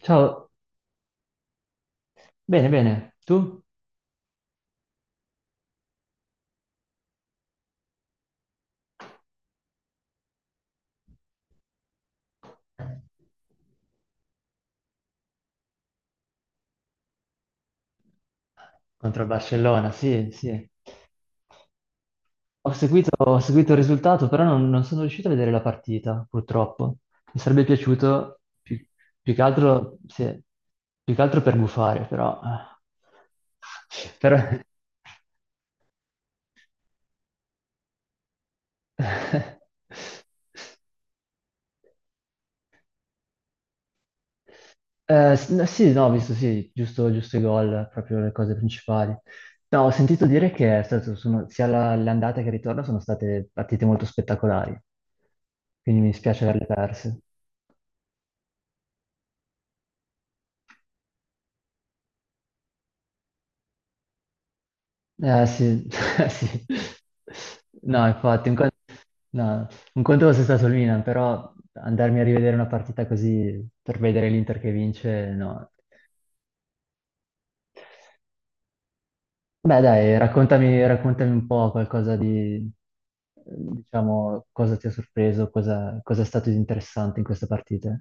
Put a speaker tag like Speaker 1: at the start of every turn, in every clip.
Speaker 1: Ciao, bene, bene. Tu? Contro il Barcellona, sì, sì. Ho seguito il risultato, però non sono riuscito a vedere la partita, purtroppo. Mi sarebbe piaciuto più, più che altro, sì, più che altro per gufare, però... Però... No, sì, no, ho visto, sì, giusto, giusto i gol, proprio le cose principali. No, ho sentito dire che sia l'andata che il ritorno sono state partite molto spettacolari, quindi mi dispiace averle perse. Eh sì, sì. No, infatti, un conto, no, un conto fosse stato il Milan, però andarmi a rivedere una partita così per vedere l'Inter che vince, no. Beh, dai, raccontami, raccontami un po' qualcosa di, diciamo, cosa ti ha sorpreso, cosa, cosa è stato di interessante in questa partita.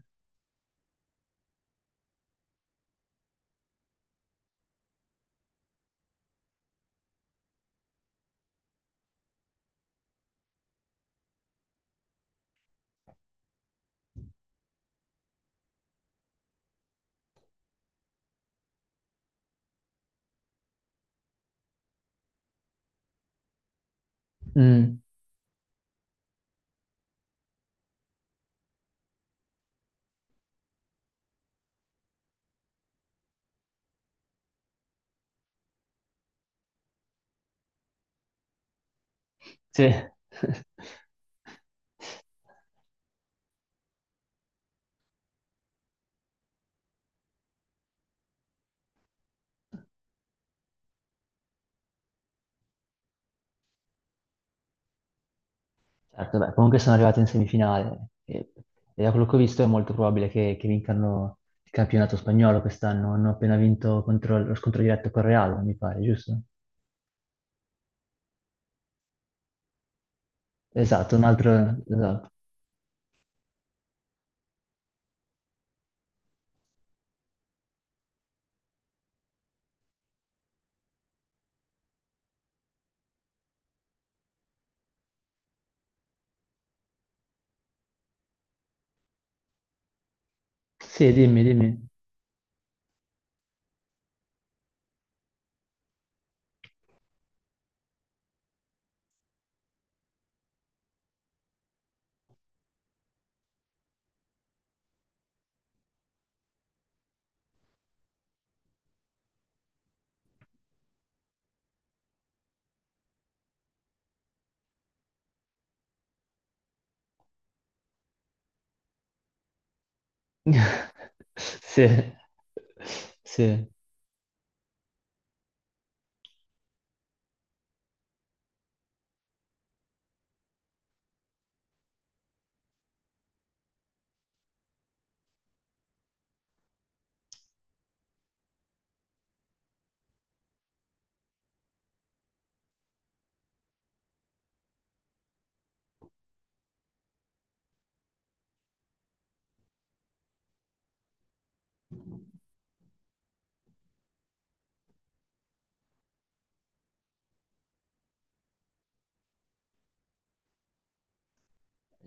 Speaker 1: Mm, sì. Certo, beh, comunque sono arrivati in semifinale e da quello che ho visto è molto probabile che vincano il campionato spagnolo quest'anno. Hanno appena vinto contro, lo scontro diretto con Real, mi pare, giusto? Esatto, un altro... Esatto. Sì, dimmi, dimmi. Sì, sì.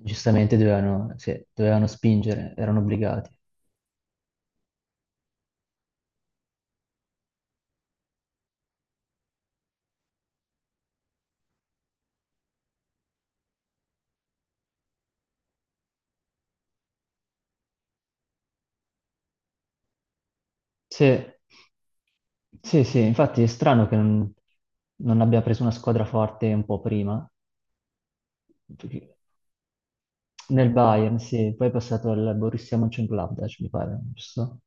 Speaker 1: Giustamente dovevano, sì, dovevano spingere, erano obbligati. Sì, sì, sì, infatti è strano che non, non abbia preso una squadra forte un po' prima. Perché- Nel Bayern, sì, poi è passato al Borussia Mönchengladbach, mi pare, giusto?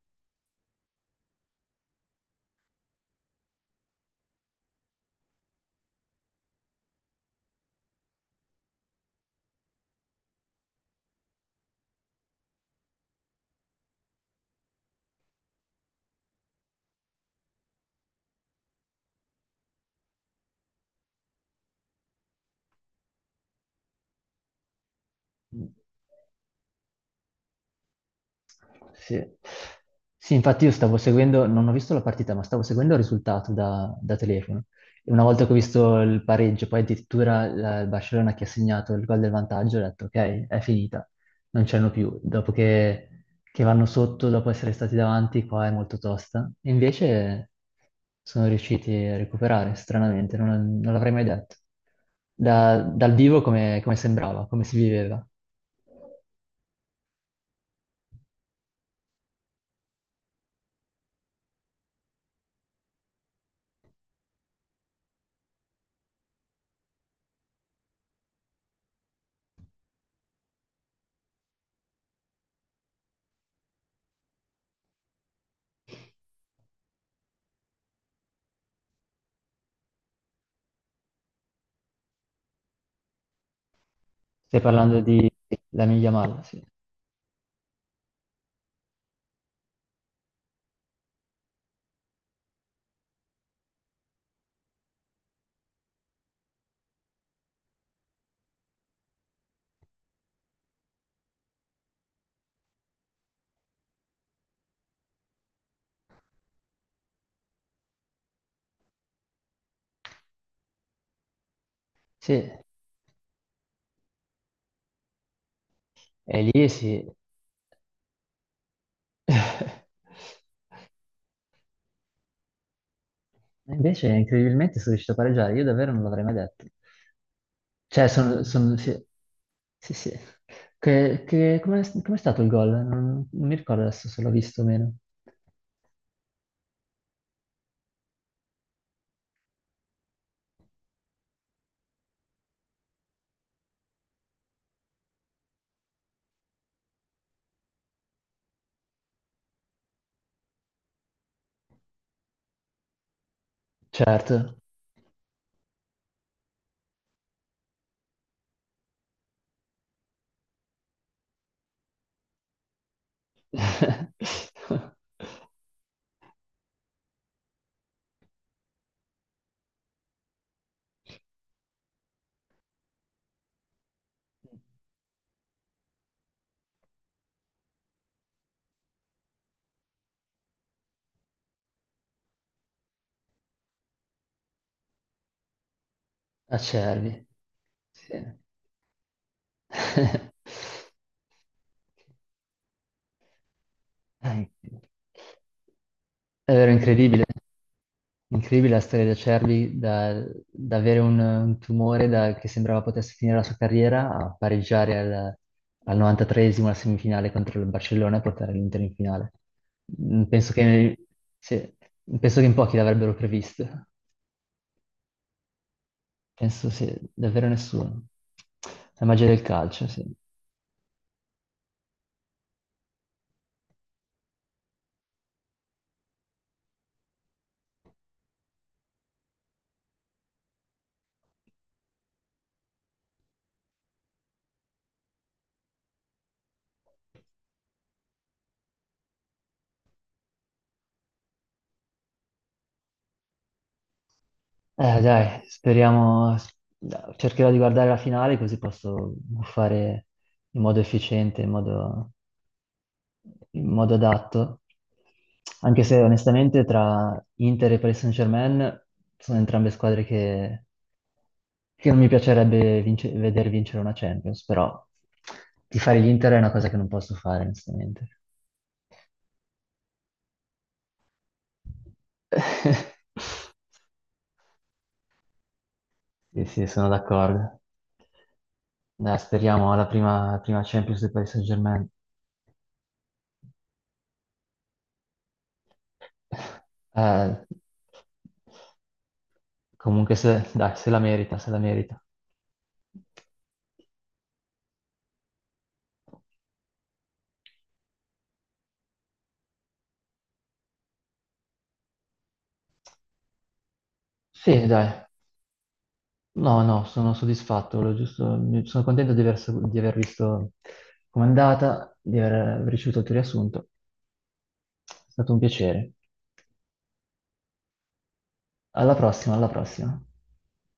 Speaker 1: Sì. Sì, infatti io stavo seguendo, non ho visto la partita, ma stavo seguendo il risultato da, da telefono. E una volta che ho visto il pareggio, poi addirittura il Barcellona che ha segnato il gol del vantaggio, ho detto ok, è finita, non c'erano più. Dopo che vanno sotto, dopo essere stati davanti, qua è molto tosta. E invece sono riusciti a recuperare, stranamente, non l'avrei mai detto. Dal vivo come, come sembrava, come si viveva. Stai parlando di Lamine Yamal, sì. Sì, e lì sì. Invece incredibilmente sono riuscito a pareggiare, io davvero non l'avrei mai detto. Cioè, sì, sì. Sì. Che, com'è stato il gol? Non, non mi ricordo adesso se l'ho visto o meno. Certo. Acerbi. Sì. Dai. È vero, incredibile. Incredibile la storia di Acerbi, da, da avere un tumore che sembrava potesse finire la sua carriera a pareggiare al, al 93esimo la semifinale contro il Barcellona e portare l'Inter in finale. Mm, penso che, sì, penso che in pochi l'avrebbero previsto. Penso sì, davvero nessuno. La magia del calcio, sì. Dai, speriamo, cercherò di guardare la finale così posso fare in modo efficiente, in modo adatto, anche se onestamente tra Inter e Paris Saint-Germain sono entrambe squadre che non mi piacerebbe veder vincere una Champions, però tifare l'Inter è una cosa che non posso fare, onestamente. Sì, sì, sono d'accordo. Dai, speriamo alla prima Champions del Paris Saint-Germain. Eh, comunque, se, dai, se la merita, se la merita. Sì, dai. No, no, sono soddisfatto, volevo sono contento di aver, di aver visto com'è andata, di aver ricevuto il tuo riassunto. È stato un piacere. Alla prossima, alla prossima.